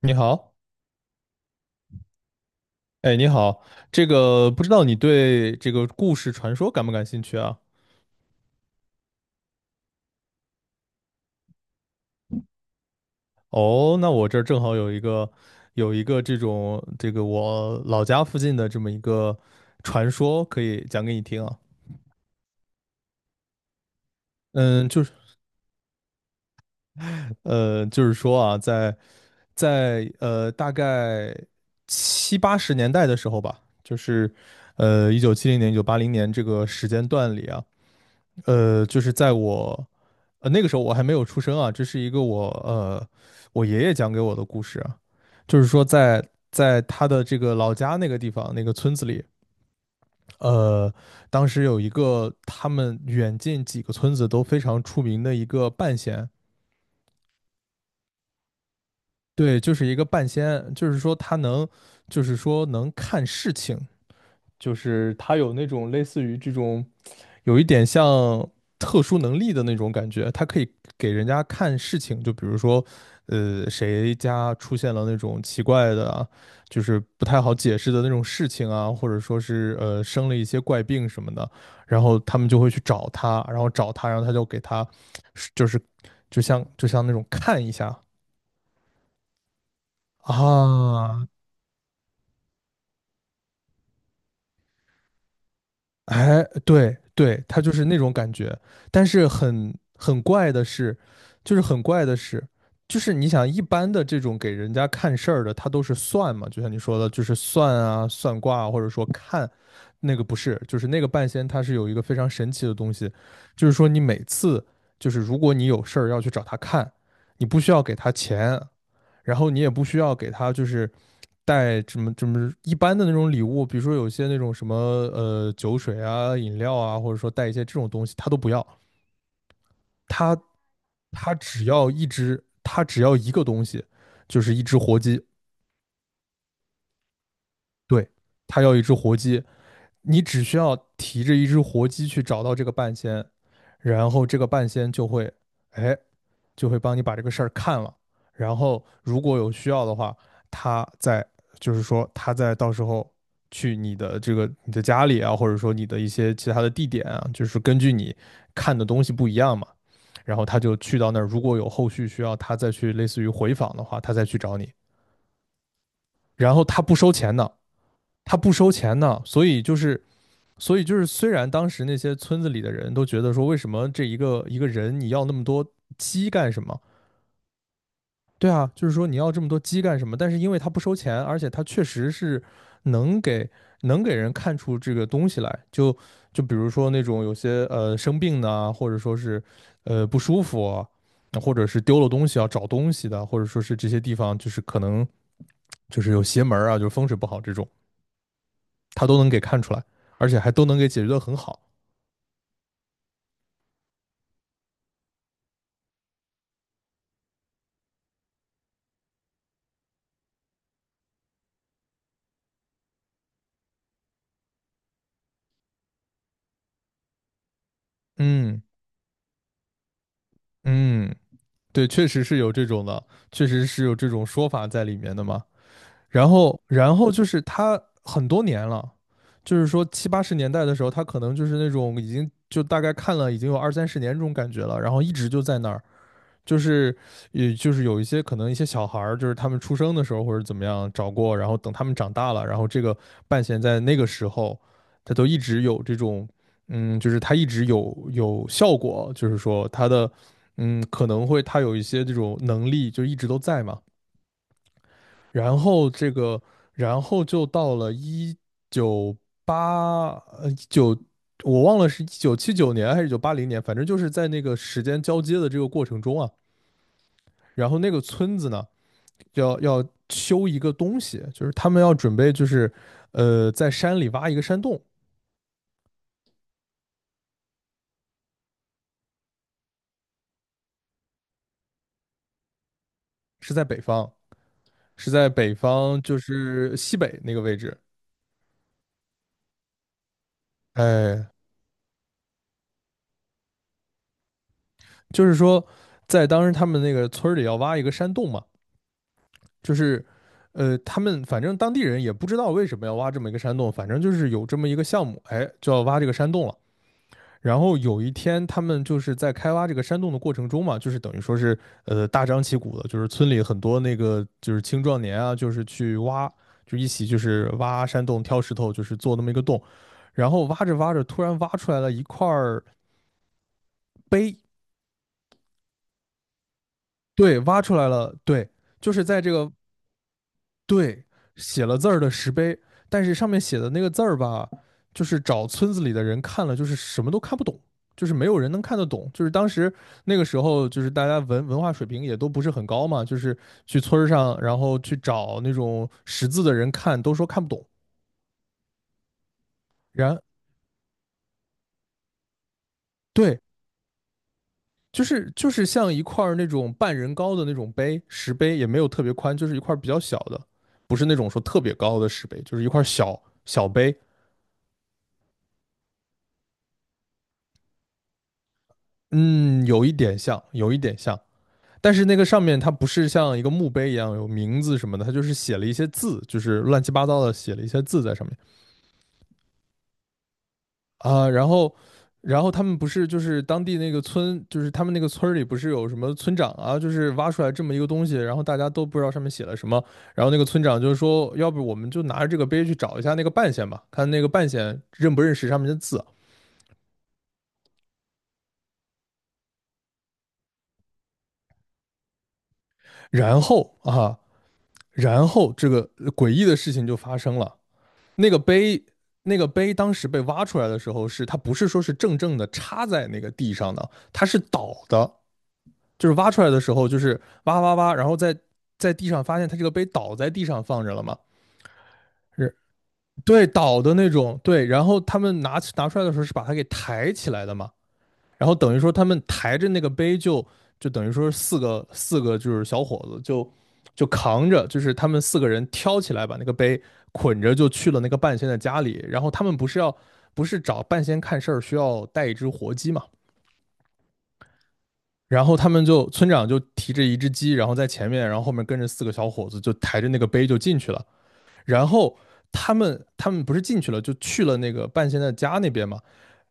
你好。哎，你好。这个不知道你对这个故事传说感不感兴趣啊？哦，那我这儿正好有一个这种这个我老家附近的这么一个传说可以讲给你听啊。嗯，就是就是说啊，在大概七八十年代的时候吧，就是1970年、一九八零年这个时间段里啊。就是在我那个时候我还没有出生啊，这是一个我我爷爷讲给我的故事啊。就是说在他的这个老家那个地方那个村子里，呃，当时有一个他们远近几个村子都非常出名的一个半仙。对，就是一个半仙，就是说他能，就是说能看事情，就是他有那种类似于这种。有一点像特殊能力的那种感觉，他可以给人家看事情。就比如说，谁家出现了那种奇怪的啊就是不太好解释的那种事情啊，或者说是生了一些怪病什么的。然后他们就会去找他，然后他就给他就是就像那种看一下啊。哎，对对，他就是那种感觉。但是很怪的是，就是很怪的是，就是你想一般的这种给人家看事儿的，他都是算嘛。就像你说的，就是算啊、算卦啊或者说看那个不是，就是那个半仙，他是有一个非常神奇的东西。就是说你每次就是如果你有事儿要去找他看，你不需要给他钱，然后你也不需要给他就是带什么什么一般的那种礼物。比如说有些那种什么酒水啊、饮料啊，或者说带一些这种东西，他都不要。他他只要一只，他只要一个东西，就是一只活鸡。对，他要一只活鸡。你只需要提着一只活鸡去找到这个半仙，然后这个半仙就会哎就会帮你把这个事儿看了。然后如果有需要的话，他在就是说他在到时候去你的你的家里啊，或者说你的一些其他的地点啊，就是根据你看的东西不一样嘛。然后他就去到那儿，如果有后续需要他再去类似于回访的话，他再去找你，然后他不收钱的。他不收钱的，所以就是。所以就是，虽然当时那些村子里的人都觉得说，为什么这一个一个人你要那么多鸡干什么？对啊，就是说你要这么多鸡干什么？但是因为它不收钱，而且它确实是能给能给人看出这个东西来。就就比如说那种有些生病的啊或者说是不舒服啊或者是丢了东西要找东西的，或者说是这些地方就是可能就是有邪门儿啊，就是风水不好这种，它都能给看出来，而且还都能给解决得很好。嗯。嗯，对，确实是有这种的，确实是有这种说法在里面的嘛。然后，然后就是他很多年了。就是说七八十年代的时候，他可能就是那种已经就大概看了已经有二三十年这种感觉了，然后一直就在那儿。就是也就是有一些可能一些小孩儿，就是他们出生的时候或者怎么样找过，然后等他们长大了，然后这个半弦在那个时候，他都一直有这种，嗯，就是他一直有效果。就是说他的，嗯，可能会他有一些这种能力就一直都在嘛。然后这个，然后就到了一九八呃一九，我忘了是1979年还是一九八零年，反正就是在那个时间交接的这个过程中啊。然后那个村子呢要修一个东西。就是他们要准备就是在山里挖一个山洞。是在北方，是在北方就是西北那个位置。哎，就是说在当时他们那个村儿里要挖一个山洞嘛。就是他们反正当地人也不知道为什么要挖这么一个山洞，反正就是有这么一个项目。哎，就要挖这个山洞了。然后有一天，他们就是在开挖这个山洞的过程中嘛。就是等于说是大张旗鼓的，就是村里很多那个就是青壮年啊，就是去挖，就一起就是挖山洞、挑石头，就是做那么一个洞。然后挖着挖着，突然挖出来了一块儿碑。对，挖出来了，对，就是在这个对，写了字儿的石碑。但是上面写的那个字儿吧，就是找村子里的人看了，就是什么都看不懂，就是没有人能看得懂。就是当时那个时候，就是大家文化水平也都不是很高嘛，就是去村儿上，然后去找那种识字的人看，都说看不懂。然对，就是就是像一块儿那种半人高的那种碑，石碑也没有特别宽，就是一块儿比较小的，不是那种说特别高的石碑，就是一块儿小小碑。嗯，有一点像，有一点像。但是那个上面它不是像一个墓碑一样有名字什么的，它就是写了一些字，就是乱七八糟的写了一些字在上面啊。然后他们不是就是当地那个村，就是他们那个村里不是有什么村长啊，就是挖出来这么一个东西，然后大家都不知道上面写了什么。然后那个村长就是说，要不我们就拿着这个碑去找一下那个半仙吧，看那个半仙认不认识上面的字。然后啊，然后这个诡异的事情就发生了。那个碑，那个碑当时被挖出来的时候是，它不是说是正正的插在那个地上的，它是倒的。就是挖出来的时候就是挖挖挖，然后在地上发现它这个碑倒在地上放着了嘛。是对倒的那种，对，然后他们拿出来的时候是把它给抬起来的嘛。然后等于说他们抬着那个杯就就等于说四个就是小伙子就就扛着。就是他们四个人挑起来把那个杯捆着就去了那个半仙的家里。然后他们不是要不是找半仙看事儿需要带一只活鸡嘛。然后他们就村长就提着一只鸡，然后在前面，然后后面跟着四个小伙子就抬着那个杯就进去了。然后。他们不是进去了，就去了那个半仙的家那边嘛。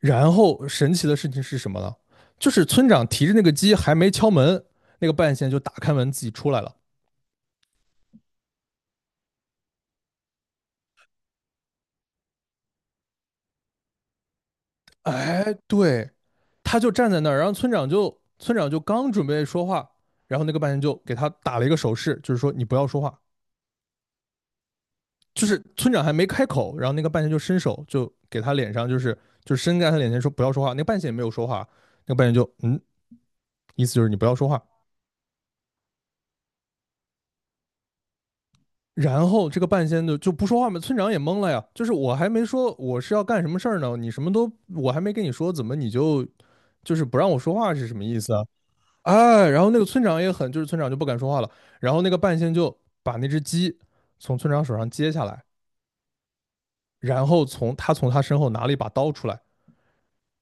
然后神奇的事情是什么呢？就是村长提着那个鸡还没敲门，那个半仙就打开门自己出来了。哎，对，他就站在那儿，然后村长就刚准备说话。然后那个半仙就给他打了一个手势，就是说你不要说话。就是村长还没开口，然后那个半仙就伸手就给他脸上，就是就伸在他脸前说不要说话。那个半仙也没有说话，那个半仙就意思就是你不要说话。然后这个半仙就不说话嘛，村长也懵了呀。就是我还没说我是要干什么事儿呢，你什么都我还没跟你说，怎么你就不让我说话是什么意思啊？哎，然后那个村长也很，就是村长就不敢说话了。然后那个半仙就把那只鸡从村长手上接下来，然后从他身后拿了一把刀出来，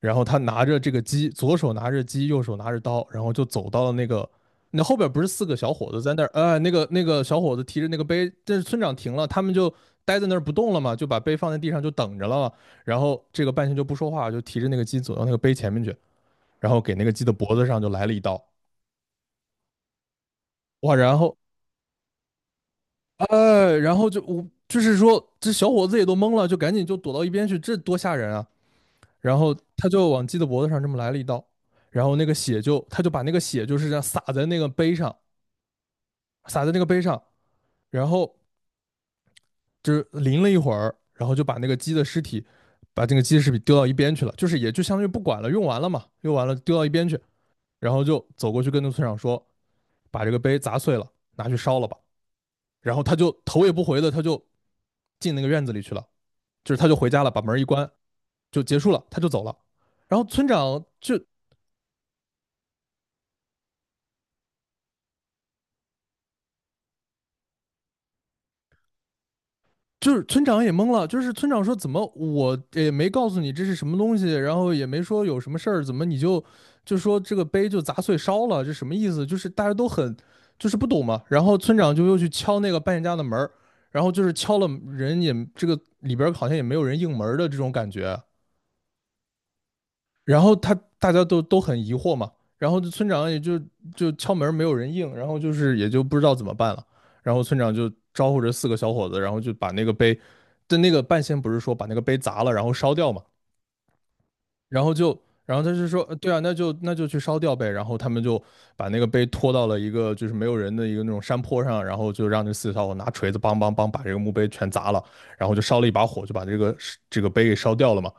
然后他拿着这个鸡，左手拿着鸡，右手拿着刀，然后就走到了那个，那后边不是四个小伙子在那儿，那个小伙子提着那个杯，但是村长停了，他们就待在那儿不动了嘛，就把杯放在地上就等着了。然后这个半仙就不说话，就提着那个鸡走到那个杯前面去，然后给那个鸡的脖子上就来了一刀。哇，然后，哎，然后就我就是说这小伙子也都懵了，就赶紧就躲到一边去，这多吓人啊！然后他就往鸡的脖子上这么来了一刀，然后那个血就他就把那个血就是这样洒在那个杯上，洒在那个杯上，然后就是淋了一会儿，然后就把那个鸡的尸体，把这个鸡的尸体丢到一边去了，就是也就相当于不管了，用完了嘛，用完了丢到一边去，然后就走过去跟那村长说，把这个杯砸碎了，拿去烧了吧。然后他就头也不回的他就进那个院子里去了，就是他就回家了，把门一关就结束了，他就走了。然后村长就就是村长也懵了，就是村长说怎么我也没告诉你这是什么东西，然后也没说有什么事儿，怎么你就就说这个碑就砸碎烧了，这什么意思？就是大家都很就是不懂嘛。然后村长就又去敲那个扮演家的门儿，然后就是敲了人也这个里边儿好像也没有人应门儿的这种感觉，然后他大家都很疑惑嘛，然后村长也就就敲门没有人应，然后就是也就不知道怎么办了，然后村长就招呼着四个小伙子，然后就把那个碑，但那个半仙不是说把那个碑砸了然后烧掉嘛，然后就然后他就说，对啊，那就去烧掉呗，然后他们就把那个碑拖到了一个就是没有人的一个那种山坡上，然后就让这四个小伙拿锤子梆梆梆把这个墓碑全砸了，然后就烧了一把火，就把这个碑给烧掉了嘛。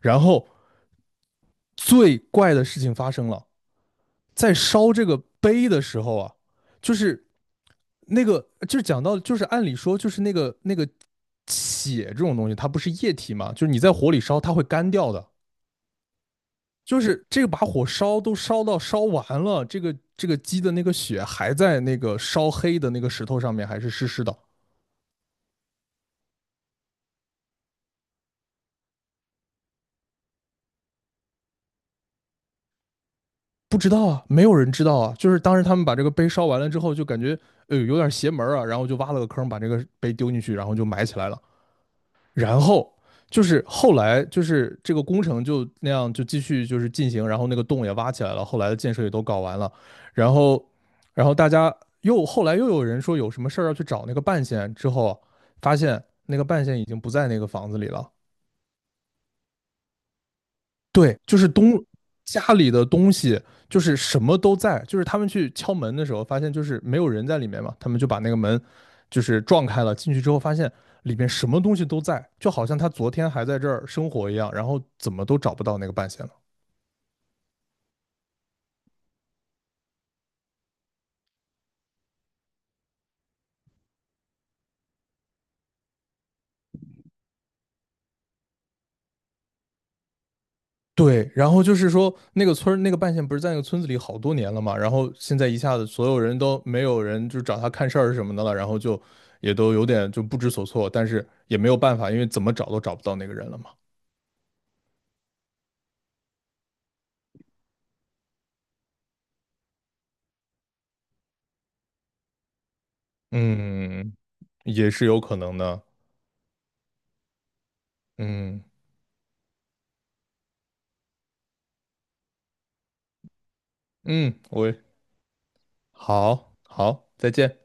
然后最怪的事情发生了。在烧这个碑的时候啊，就是那个就是讲到就是按理说就是那个血这种东西，它不是液体嘛，就是你在火里烧它会干掉的。就是这个把火烧都烧到烧完了，这个鸡的那个血还在那个烧黑的那个石头上面，还是湿湿的。不知道啊，没有人知道啊。就是当时他们把这个碑烧完了之后，就感觉有点邪门啊，然后就挖了个坑，把这个碑丢进去，然后就埋起来了。然后就是后来就是这个工程就那样就继续就是进行，然后那个洞也挖起来了，后来的建设也都搞完了，然后大家又后来又有人说有什么事儿要去找那个半仙，之后啊发现那个半仙已经不在那个房子里了。对，就是东家里的东西，就是什么都在，就是他们去敲门的时候，发现就是没有人在里面嘛，他们就把那个门就是撞开了，进去之后发现里面什么东西都在，就好像他昨天还在这儿生活一样，然后怎么都找不到那个半仙了。对，然后就是说那个村那个半仙不是在那个村子里好多年了嘛，然后现在一下子所有人都没有人就找他看事儿什么的了，然后就也都有点就不知所措，但是也没有办法，因为怎么找都找不到那个人了嘛。嗯，也是有可能的。嗯。嗯，我也好好，再见。